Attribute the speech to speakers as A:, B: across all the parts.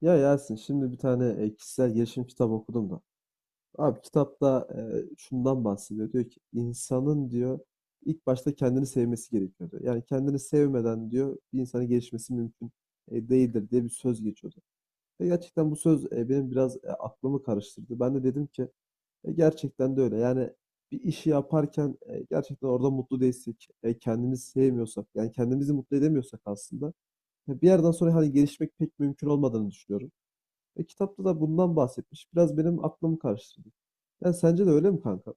A: Ya Yasin, şimdi bir tane kişisel gelişim kitabı okudum da. Abi kitapta şundan bahsediyor. Diyor ki insanın diyor ilk başta kendini sevmesi gerekiyor diyor. Yani kendini sevmeden diyor bir insanın gelişmesi mümkün değildir diye bir söz geçiyordu. Ve gerçekten bu söz benim biraz aklımı karıştırdı. Ben de dedim ki gerçekten de öyle. Yani bir işi yaparken gerçekten orada mutlu değilsek, kendimizi sevmiyorsak, yani kendimizi mutlu edemiyorsak aslında ya bir yerden sonra hani gelişmek pek mümkün olmadığını düşünüyorum. Ve kitapta da bundan bahsetmiş. Biraz benim aklımı karıştırdı. Yani sence de öyle mi kanka?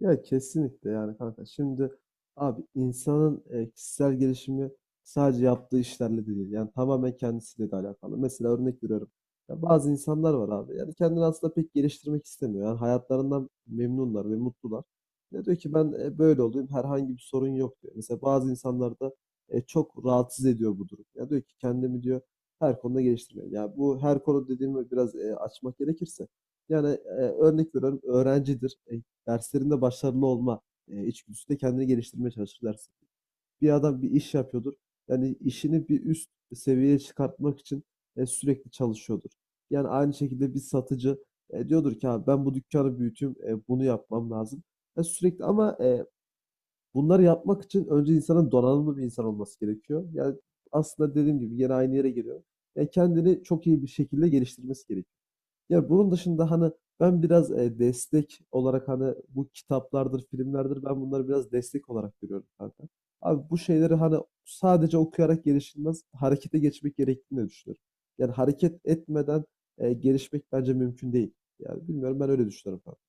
A: Ya kesinlikle yani kanka. Şimdi abi insanın kişisel gelişimi sadece yaptığı işlerle de değil. Yani tamamen kendisiyle de alakalı. Mesela örnek veriyorum. Ya bazı insanlar var abi. Yani kendini aslında pek geliştirmek istemiyor. Yani hayatlarından memnunlar ve mutlular. Ya diyor ki ben böyle olayım, herhangi bir sorun yok diyor. Mesela bazı insanlar da çok rahatsız ediyor bu durum. Ya diyor ki kendimi diyor her konuda geliştirmeliyim. Ya bu her konu dediğimi biraz açmak gerekirse. Yani örnek veriyorum öğrencidir. Derslerinde başarılı olma içgüdüsü de kendini geliştirmeye çalışır dersin. Bir adam bir iş yapıyordur. Yani işini bir üst seviyeye çıkartmak için sürekli çalışıyordur. Yani aynı şekilde bir satıcı diyordur ki abi ben bu dükkanı büyüteyim, bunu yapmam lazım. Ya sürekli ama bunları yapmak için önce insanın donanımlı bir insan olması gerekiyor. Yani aslında dediğim gibi yine aynı yere giriyor. Yani kendini çok iyi bir şekilde geliştirmesi gerekiyor. Ya bunun dışında hani ben biraz destek olarak hani bu kitaplardır, filmlerdir, ben bunları biraz destek olarak görüyorum kanka. Abi bu şeyleri hani sadece okuyarak gelişilmez, harekete geçmek gerektiğini de düşünüyorum. Yani hareket etmeden gelişmek bence mümkün değil. Yani bilmiyorum, ben öyle düşünüyorum kanka.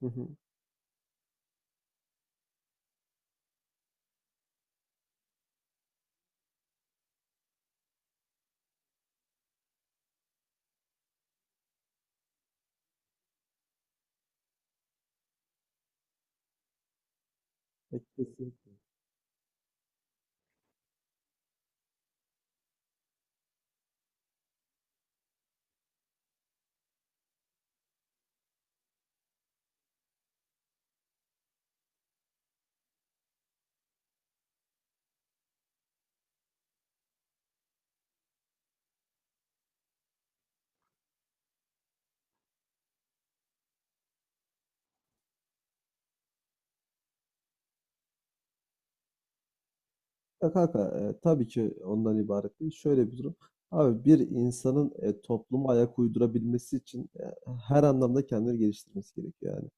A: Hı hı. E, kesinlikle. Ya kanka tabii ki ondan ibaret değil. Şöyle bir durum. Abi bir insanın topluma ayak uydurabilmesi için her anlamda kendini geliştirmesi gerekiyor yani.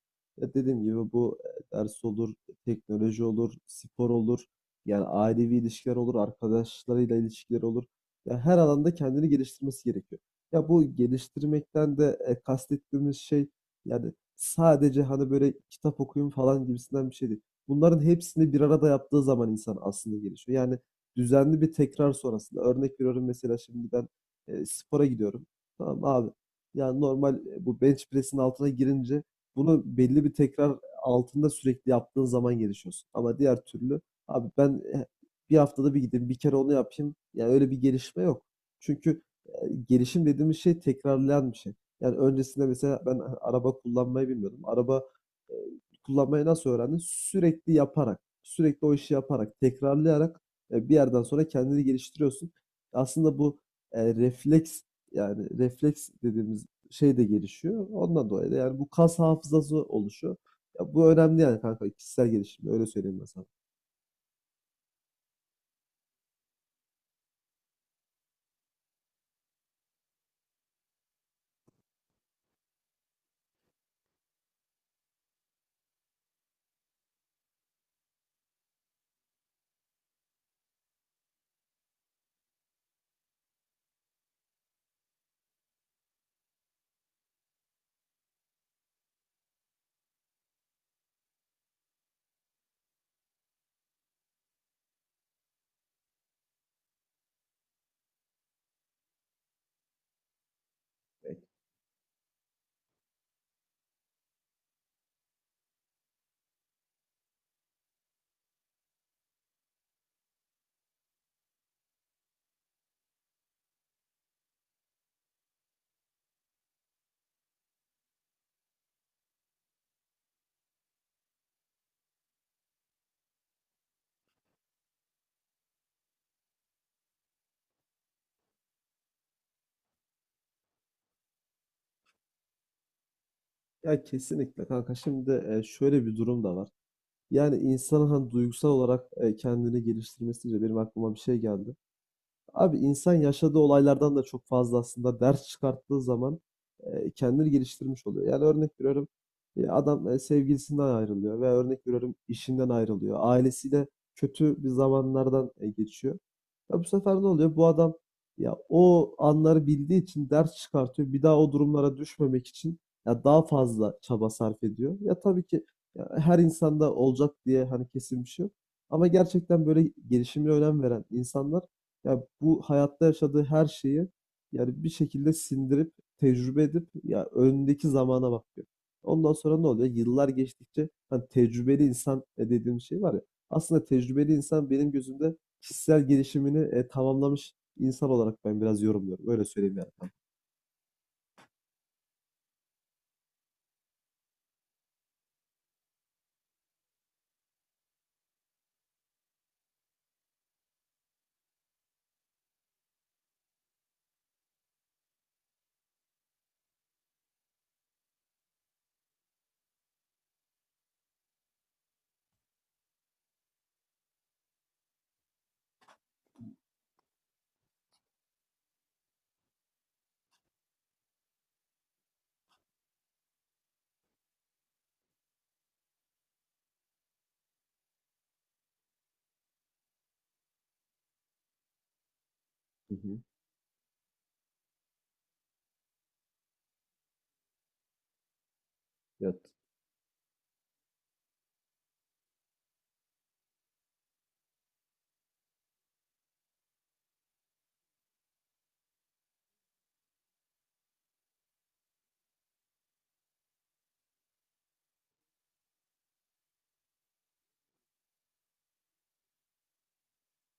A: Ya dediğim gibi bu ders olur, teknoloji olur, spor olur. Yani ailevi ilişkiler olur, arkadaşlarıyla ilişkiler olur. Ya her alanda kendini geliştirmesi gerekiyor. Ya bu geliştirmekten de kastettiğimiz şey yani sadece hani böyle kitap okuyun falan gibisinden bir şey değil. Bunların hepsini bir arada yaptığı zaman insan aslında gelişiyor. Yani düzenli bir tekrar sonrasında örnek veriyorum, mesela şimdi ben spora gidiyorum. Tamam abi. Yani normal bu bench press'in altına girince bunu belli bir tekrar altında sürekli yaptığın zaman gelişiyorsun. Ama diğer türlü abi ben bir haftada bir gideyim, bir kere onu yapayım. Yani öyle bir gelişme yok. Çünkü gelişim dediğimiz şey tekrarlayan bir şey. Yani öncesinde mesela ben araba kullanmayı bilmiyordum. Araba e, kullanmayı nasıl öğrendin? Sürekli yaparak, sürekli o işi yaparak, tekrarlayarak bir yerden sonra kendini geliştiriyorsun. Aslında bu refleks, yani refleks dediğimiz şey de gelişiyor. Ondan dolayı da yani bu kas hafızası oluşuyor. Ya bu önemli yani kanka, kişisel gelişim, öyle söyleyeyim ben sana. E, Ya kesinlikle kanka. Şimdi şöyle bir durum da var. Yani insanın hani duygusal olarak kendini geliştirmesi deyince benim aklıma bir şey geldi. Abi insan yaşadığı olaylardan da çok fazla aslında ders çıkarttığı zaman kendini geliştirmiş oluyor. Yani örnek veriyorum, adam sevgilisinden ayrılıyor veya örnek veriyorum işinden ayrılıyor. Ailesiyle kötü bir zamanlardan geçiyor. Ya bu sefer ne oluyor? Bu adam ya o anları bildiği için ders çıkartıyor. Bir daha o durumlara düşmemek için ya daha fazla çaba sarf ediyor. Ya tabii ki ya her insanda olacak diye hani kesin bir şey yok. Ama gerçekten böyle gelişime önem veren insanlar ya bu hayatta yaşadığı her şeyi yani bir şekilde sindirip tecrübe edip ya önündeki zamana bakıyor. Ondan sonra ne oluyor? Yıllar geçtikçe hani tecrübeli insan dediğim şey var ya. Aslında tecrübeli insan benim gözümde kişisel gelişimini tamamlamış insan olarak ben biraz yorumluyorum. Öyle söyleyeyim yani. Hı hı. Evet.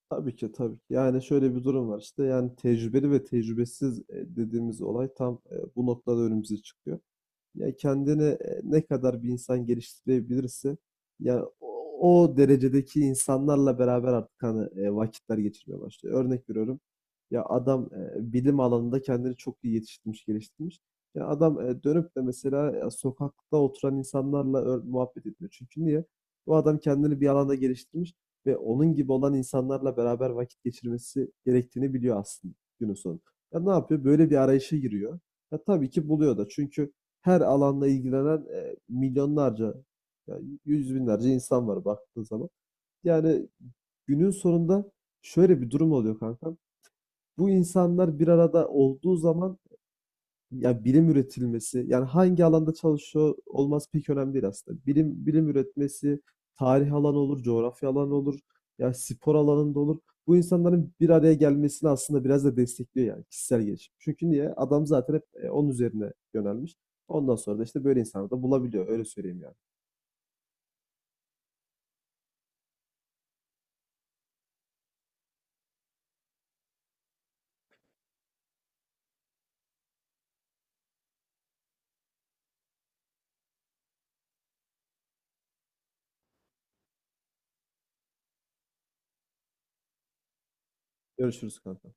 A: Tabii ki, tabii ki. Yani şöyle bir durum var işte, yani tecrübeli ve tecrübesiz dediğimiz olay tam bu noktada önümüze çıkıyor. Ya kendini ne kadar bir insan geliştirebilirse ya o, o derecedeki insanlarla beraber artık hani vakitler geçirmeye başlıyor. Örnek veriyorum. Ya adam bilim alanında kendini çok iyi yetiştirmiş, geliştirmiş. Ya adam dönüp de mesela ya, sokakta oturan insanlarla muhabbet etmiyor. Çünkü niye? Bu adam kendini bir alanda geliştirmiş ve onun gibi olan insanlarla beraber vakit geçirmesi gerektiğini biliyor aslında günün sonu. Ya ne yapıyor? Böyle bir arayışa giriyor. Ya tabii ki buluyor da. Çünkü her alanla ilgilenen milyonlarca, yani yüz binlerce insan var baktığın zaman. Yani günün sonunda şöyle bir durum oluyor kankam. Bu insanlar bir arada olduğu zaman ya bilim üretilmesi, yani hangi alanda çalışıyor olması pek önemli değil aslında. Bilim bilim üretmesi, tarih alanı olur, coğrafya alanı olur, ya spor alanında olur. Bu insanların bir araya gelmesini aslında biraz da destekliyor yani kişisel gelişim. Çünkü niye? Adam zaten hep onun üzerine yönelmiş. Ondan sonra da işte böyle insanları da bulabiliyor. Öyle söyleyeyim yani. Görüşürüz kanka.